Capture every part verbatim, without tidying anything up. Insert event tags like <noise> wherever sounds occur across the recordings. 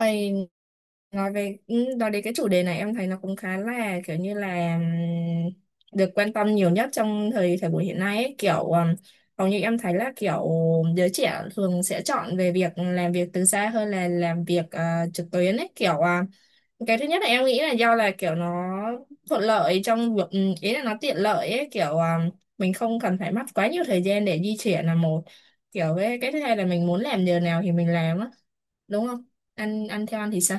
Ây, nói về ừ, nói đến cái chủ đề này em thấy nó cũng khá là kiểu như là ừm, được quan tâm nhiều nhất trong thời thời buổi hiện nay ấy. Kiểu, ừm, hầu như em thấy là kiểu giới trẻ thường sẽ chọn về việc làm việc từ xa hơn là làm việc ờ, trực tuyến ấy, kiểu ờ, cái thứ nhất là em nghĩ là do là kiểu nó thuận lợi trong việc ừ, ý là nó tiện lợi ấy, kiểu à, mình không cần phải mất quá nhiều thời gian để di chuyển là một kiểu. Với cái thứ hai là mình muốn làm giờ nào thì mình làm á, đúng không? Ăn ăn theo ăn thì sao?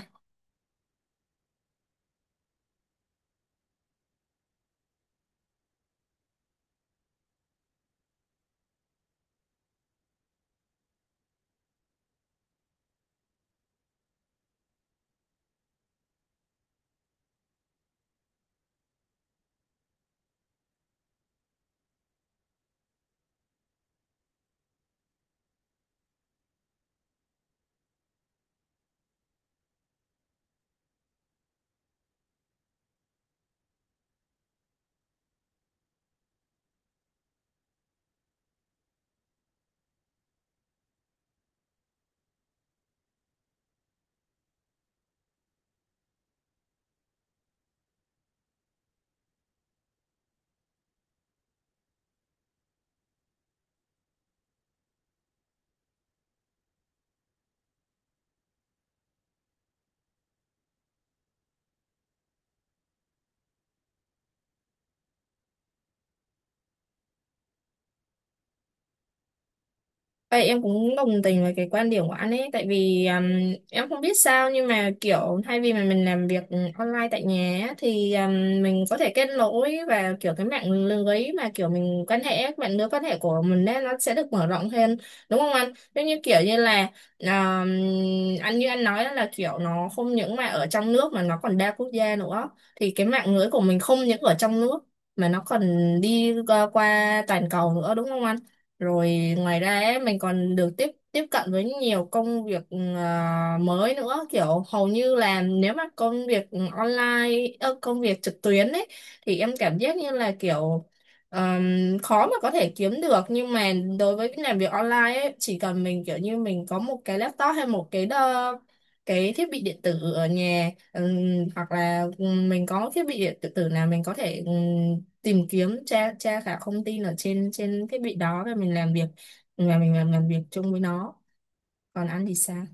Vậy em cũng đồng tình với cái quan điểm của anh ấy, tại vì um, em không biết sao nhưng mà kiểu thay vì mà mình làm việc online tại nhà á, thì um, mình có thể kết nối, và kiểu cái mạng lưới mà kiểu mình quan hệ, mạng lưới quan hệ của mình đấy nó sẽ được mở rộng hơn, đúng không anh? Giống như kiểu như là um, anh như anh nói đó, là kiểu nó không những mà ở trong nước mà nó còn đa quốc gia nữa, thì cái mạng lưới của mình không những ở trong nước mà nó còn đi qua, qua toàn cầu nữa, đúng không anh? Rồi, ngoài ra ấy, mình còn được tiếp tiếp cận với nhiều công việc à, mới nữa, kiểu hầu như là nếu mà công việc online ơ, công việc trực tuyến ấy thì em cảm giác như là kiểu ờm, khó mà có thể kiếm được, nhưng mà đối với cái làm việc online ấy chỉ cần mình kiểu như mình có một cái laptop hay một cái đơ, cái thiết bị điện tử ở nhà, ừm, hoặc là mình có thiết bị điện tử nào mình có thể tìm kiếm, tra tra cả thông tin ở trên trên thiết bị đó rồi mình làm việc và mình làm làm việc chung với nó. Còn anh thì sao?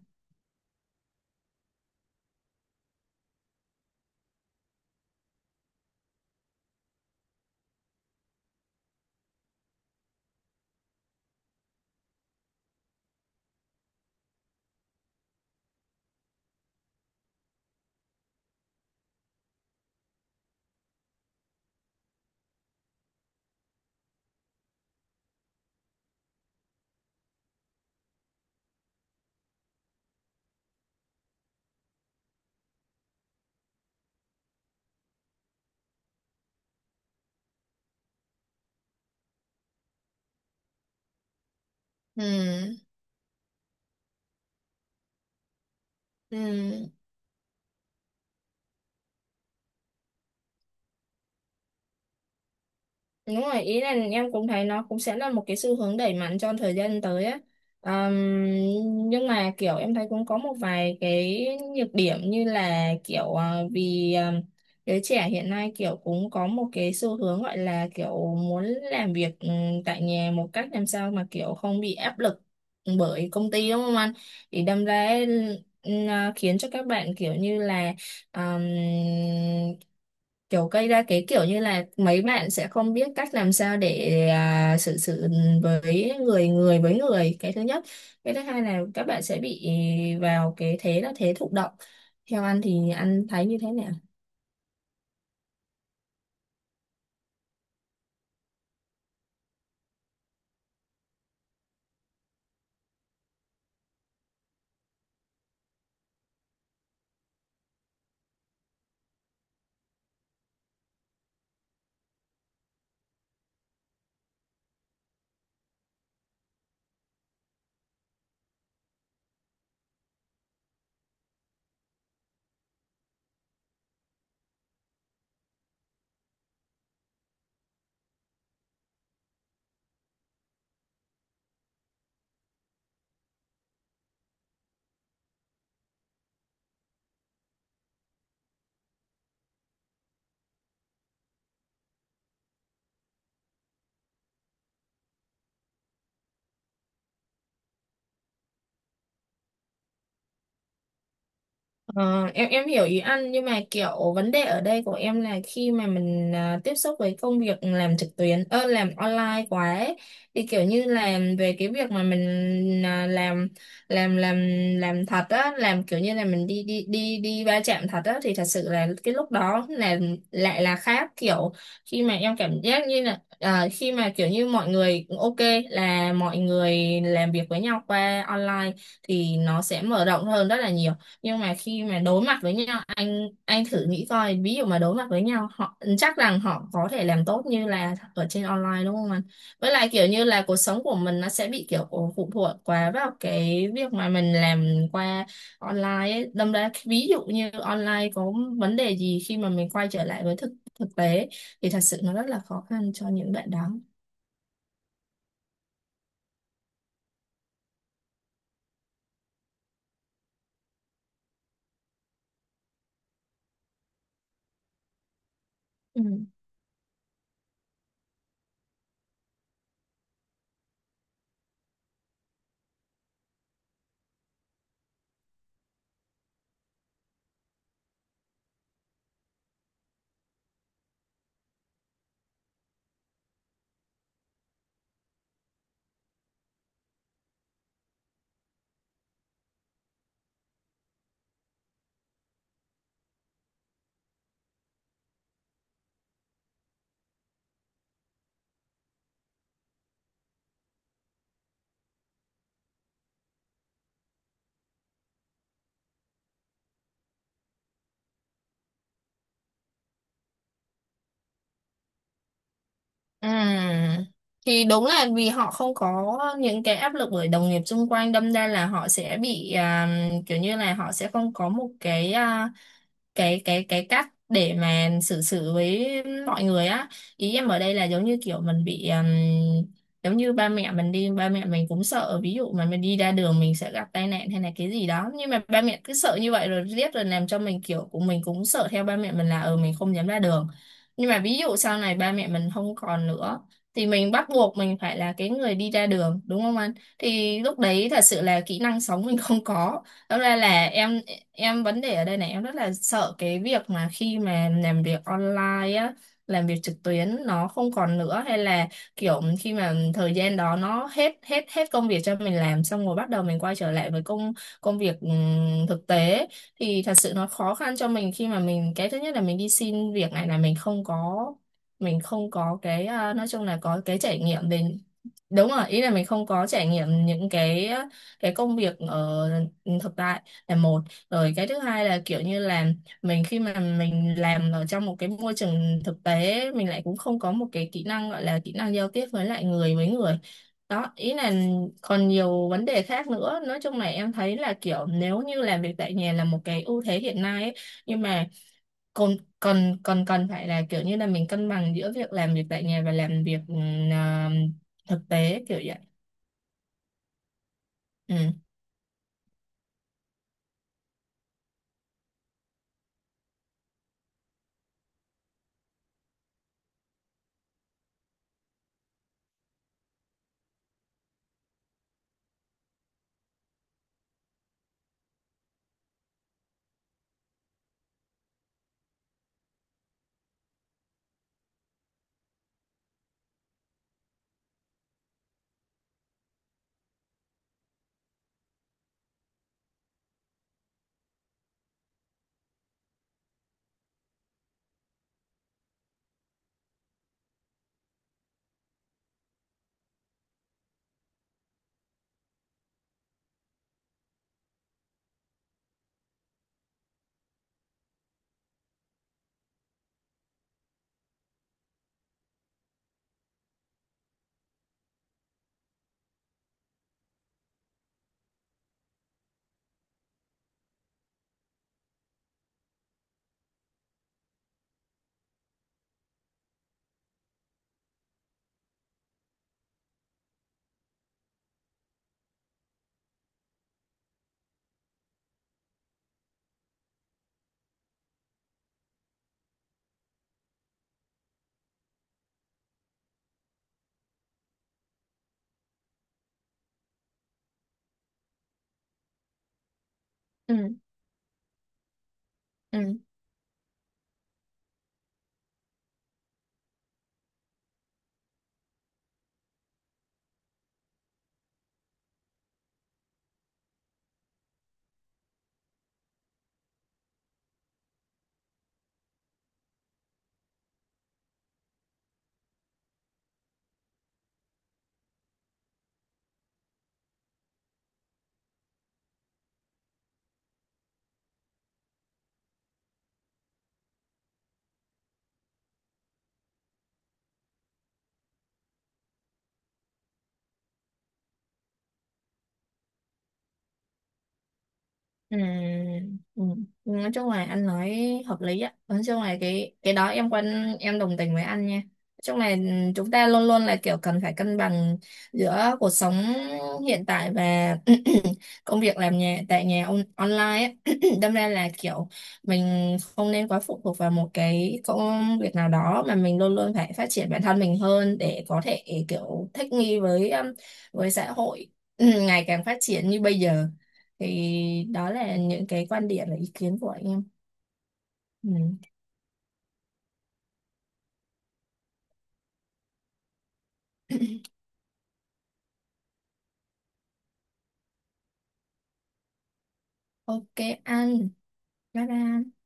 Ừ. Ừ. Đúng rồi, ý là em cũng thấy nó cũng sẽ là một cái xu hướng đẩy mạnh trong thời gian tới á. Ờm, nhưng mà kiểu em thấy cũng có một vài cái nhược điểm, như là kiểu ờ, vì ờ, giới trẻ hiện nay kiểu cũng có một cái xu hướng gọi là kiểu muốn làm việc ừ, tại nhà, một cách làm sao mà kiểu không bị áp lực bởi công ty, đúng không anh? Thì đâm ra ừ, ờ, khiến cho các bạn kiểu như là ờm, kiểu gây ra cái kiểu như là mấy bạn sẽ không biết cách làm sao để à, xử sự với người, người với người, cái thứ nhất. Cái thứ hai là các bạn sẽ bị vào cái thế là thế thụ động. Theo anh thì anh thấy như thế nào? Ờ, em em hiểu ý anh, nhưng mà kiểu vấn đề ở đây của em là khi mà mình à, tiếp xúc với công việc làm trực tuyến ơ làm online quá ấy, thì kiểu như là về cái việc mà mình à, làm làm làm làm thật á, làm kiểu như là mình đi đi đi đi va chạm thật á, thì thật sự là cái lúc đó là lại là khác kiểu. Khi mà em cảm giác như là à, khi mà kiểu như mọi người ok là mọi người làm việc với nhau qua online thì nó sẽ mở rộng hơn rất là nhiều, nhưng mà khi mà đối mặt với nhau, anh anh thử nghĩ coi, ví dụ mà đối mặt với nhau họ chắc rằng họ có thể làm tốt như là ở trên online, đúng không anh? Với lại kiểu như là cuộc sống của mình nó sẽ bị kiểu phụ thuộc quá vào cái việc mà mình làm qua online ấy. Đâm ra ví dụ như online có vấn đề gì, khi mà mình quay trở lại với thực thực tế thì thật sự nó rất là khó khăn cho những bạn đó. Ừ. À, thì đúng là vì họ không có những cái áp lực bởi đồng nghiệp xung quanh, đâm ra là họ sẽ bị à, kiểu như là họ sẽ không có một cái à, cái cái cái cách để mà xử xử với mọi người á. Ý em ở đây là giống như kiểu mình bị um, giống như ba mẹ mình đi, ba mẹ mình cũng sợ ví dụ mà mình đi ra đường mình sẽ gặp tai nạn hay là cái gì đó, nhưng mà ba mẹ cứ sợ như vậy rồi riết rồi làm cho mình kiểu của mình cũng sợ theo ba mẹ mình, là ừ mình không dám ra đường. Nhưng mà ví dụ sau này ba mẹ mình không còn nữa thì mình bắt buộc mình phải là cái người đi ra đường, đúng không anh? Thì lúc đấy thật sự là kỹ năng sống mình <laughs> không có. Đó, ra là em em vấn đề ở đây này, em rất là sợ cái việc mà khi mà làm việc online á, làm việc trực tuyến nó không còn nữa, hay là kiểu khi mà thời gian đó nó hết, hết hết công việc cho mình làm xong rồi, bắt đầu mình quay trở lại với công, công việc ừm, thực tế thì thật sự nó khó khăn cho mình, khi mà mình cái thứ nhất là mình đi xin việc này, là mình không có, mình không có cái à, nói chung là có cái trải nghiệm về. Đúng rồi, ý là mình không có trải nghiệm những cái cái công việc ở thực tại là một. Rồi cái thứ hai là kiểu như là mình khi mà mình làm ở trong một cái môi trường thực tế, mình lại cũng không có một cái kỹ năng, gọi là kỹ năng giao tiếp với lại người với người. Đó, ý là còn nhiều vấn đề khác nữa. Nói chung là em thấy là kiểu nếu như làm việc tại nhà là một cái ưu thế hiện nay ấy, nhưng mà còn, còn còn còn phải là kiểu như là mình cân bằng giữa việc làm việc tại nhà và làm việc ừ, à, thực tế kiểu vậy. Ừ ừ ừ Ừ, ừ. Nói chung là anh nói hợp lý á, nói chung là cái cái đó em quan, em đồng tình với anh nha. Nói chung là chúng ta luôn luôn là kiểu cần phải cân bằng giữa cuộc sống hiện tại và <clears throat> công việc làm nhà, tại nhà on online á, <clears throat> đâm ra là kiểu mình không nên quá phụ thuộc vào một cái công việc nào đó, mà mình luôn luôn phải phát triển bản thân mình hơn để có thể kiểu thích nghi với um, với xã hội <clears throat> ngày càng phát triển như bây giờ. Thì đó là những cái quan điểm và ý kiến của anh em. Ừ. <clears throat> Ok anh, bye bye.